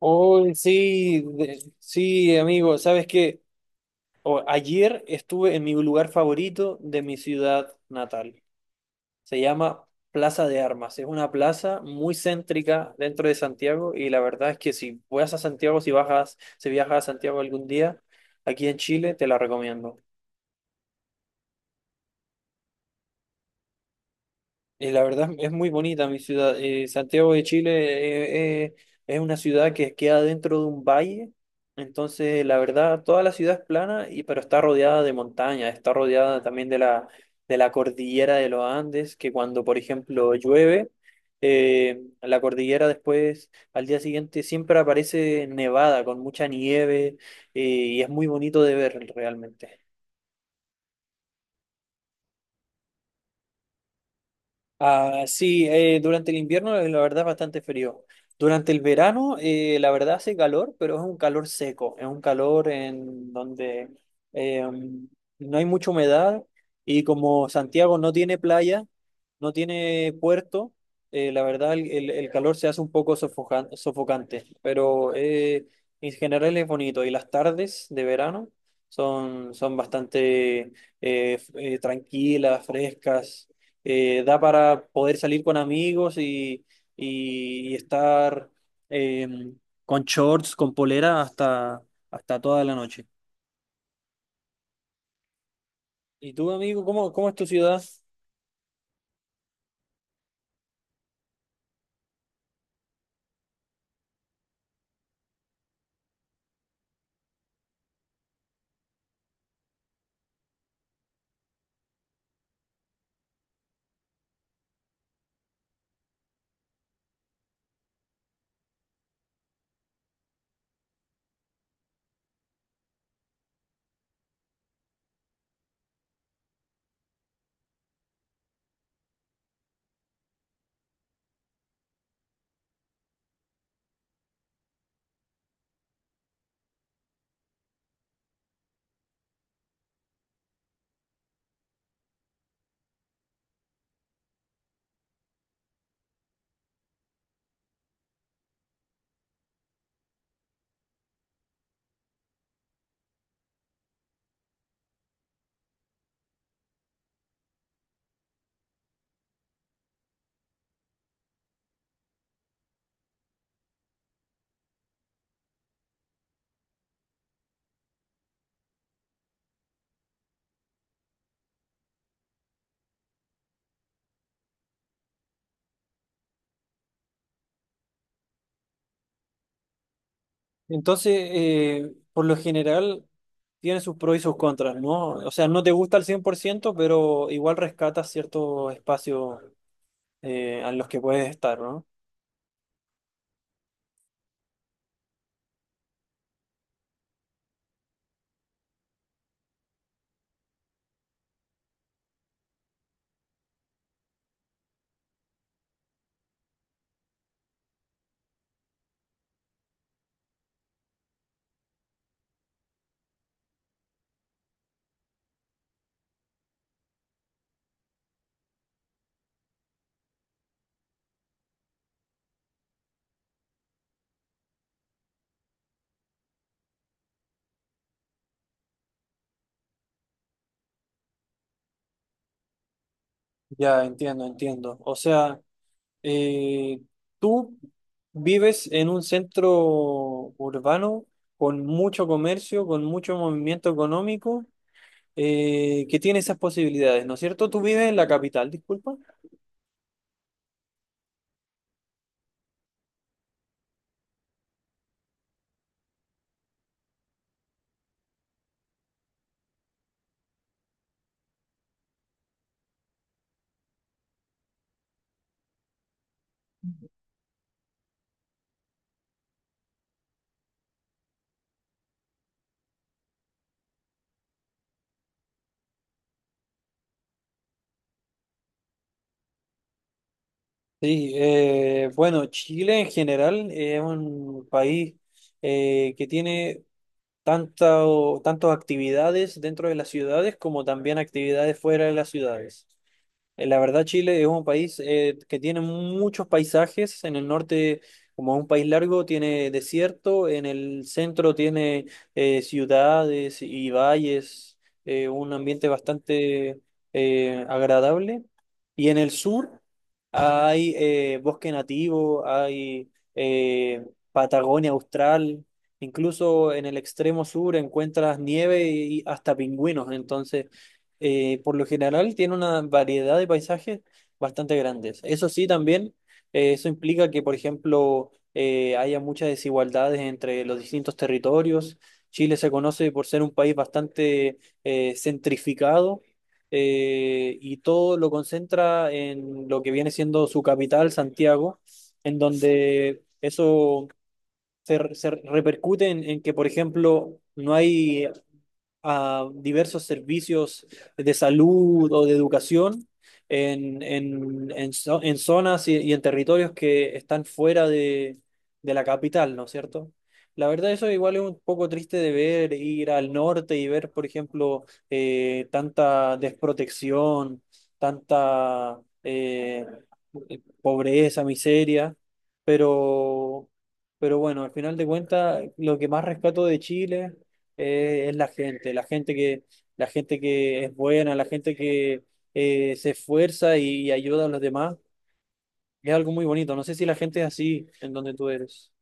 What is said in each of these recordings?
Oh, sí, sí, amigo, ¿sabes qué? Oh, ayer estuve en mi lugar favorito de mi ciudad natal. Se llama Plaza de Armas. Es una plaza muy céntrica dentro de Santiago y la verdad es que si vas a Santiago, si bajas, si viajas a Santiago algún día, aquí en Chile, te la recomiendo. La verdad es muy bonita mi ciudad. Santiago de Chile eh, eh, es una ciudad que queda dentro de un valle. Entonces, la verdad, toda la ciudad es plana, y, pero está rodeada de montañas, está rodeada también de la cordillera de los Andes, que cuando, por ejemplo, llueve, la cordillera después, al día siguiente, siempre aparece nevada, con mucha nieve, y es muy bonito de ver realmente. Ah, sí, durante el invierno la verdad es bastante frío. Durante el verano la verdad hace calor, pero es un calor seco, es un calor en donde eh, no hay mucha humedad y como Santiago no tiene playa, no tiene puerto, la verdad el calor se hace un poco sofocante, pero en general es bonito y las tardes de verano son bastante tranquilas, frescas, da para poder salir con amigos y estar eh, con shorts, con polera hasta, hasta toda la noche. ¿Y tú, amigo, cómo es tu ciudad? Entonces, por lo general, tiene sus pros y sus contras, ¿no? O sea, no te gusta al 100% pero igual rescatas ciertos espacios en los que puedes estar, ¿no? Ya, entiendo, entiendo. O sea... Eh, ¿tú vives en un centro urbano con mucho comercio, con mucho movimiento económico, que tiene esas posibilidades, ¿no es cierto? ¿Tú vives en la capital, disculpa? Sí, bueno, Chile en general es un país que tiene tantas tantas actividades dentro de las ciudades como también actividades fuera de las ciudades. La verdad, Chile es un país que tiene muchos paisajes. En el norte, como es un país largo, tiene desierto. En el centro tiene ciudades y valles, un ambiente bastante agradable. Y en el sur hay bosque nativo, hay Patagonia austral. Incluso en el extremo sur encuentras nieve y hasta pingüinos. Entonces por lo general tiene una variedad de paisajes bastante grandes. Eso sí, también eso implica que, por ejemplo, haya muchas desigualdades entre los distintos territorios. Chile se conoce por ser un país bastante centrificado, y todo lo concentra en lo que viene siendo su capital, Santiago, en donde eso se repercute en que, por ejemplo, no hay a diversos servicios de salud o de educación en zonas y en territorios que están fuera de la capital, ¿no es cierto? La verdad, eso igual es un poco triste de ver, ir al norte y ver, por ejemplo, tanta desprotección, tanta pobreza, miseria, pero, pero bueno, al final de cuentas, lo que más rescato de Chile es la gente, la gente que es buena, la gente que se esfuerza y ayuda a los demás. Es algo muy bonito. No sé si la gente es así en donde tú eres.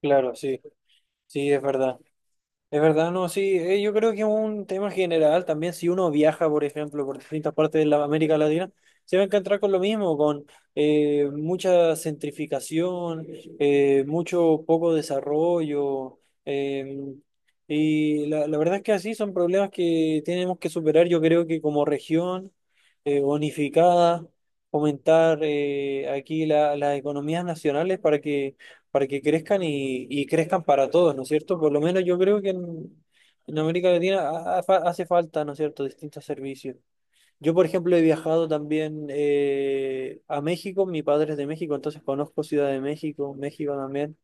Claro, sí, sí, es verdad. Es verdad, no, sí, yo creo que es un tema general también, si uno viaja, por ejemplo, por distintas partes de la América Latina, se va a encontrar con lo mismo, con mucha centrificación, mucho poco desarrollo, la verdad es que así son problemas que tenemos que superar, yo creo que como región unificada, fomentar aquí las economías nacionales para que crezcan y crezcan para todos, ¿no es cierto? Por lo menos yo creo que en América Latina hace falta, ¿no es cierto?, distintos servicios. Yo, por ejemplo, he viajado también a México, mi padre es de México, entonces conozco Ciudad de México, México también,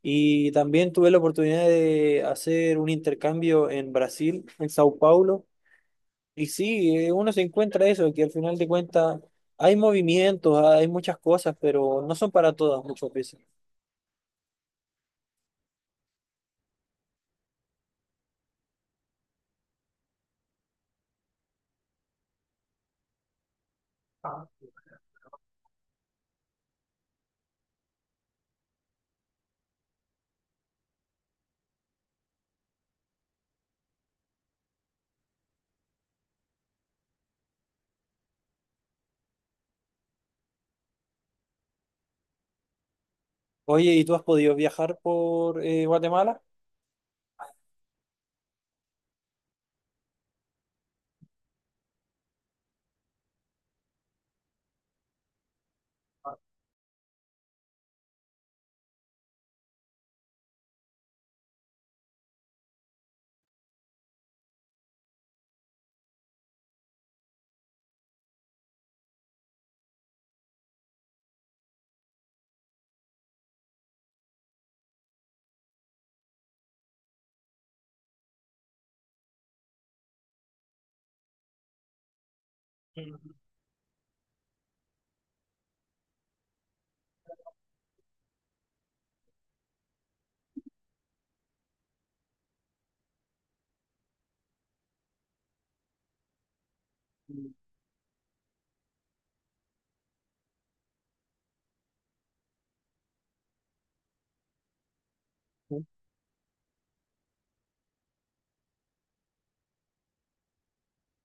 y también tuve la oportunidad de hacer un intercambio en Brasil, en Sao Paulo, y sí, uno se encuentra eso, que al final de cuentas hay movimientos, hay muchas cosas, pero no son para todas muchas veces. Oye, ¿y tú has podido viajar por Guatemala?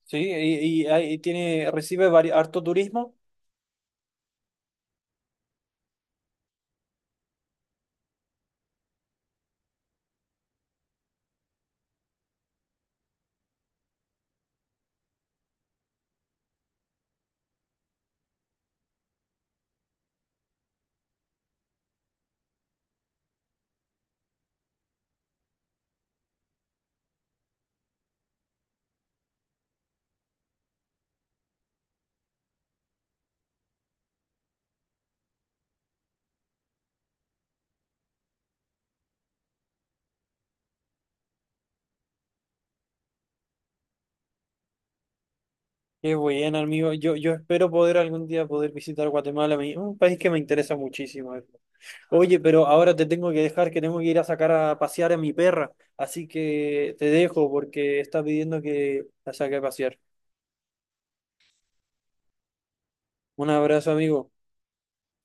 Sí, y ahí tiene, recibe harto turismo. Qué bueno, amigo. Yo espero poder algún día poder visitar Guatemala, un país que me interesa muchísimo. Oye, pero ahora te tengo que dejar, que tengo que ir a sacar a pasear a mi perra. Así que te dejo porque está pidiendo que la saque a pasear. Un abrazo, amigo.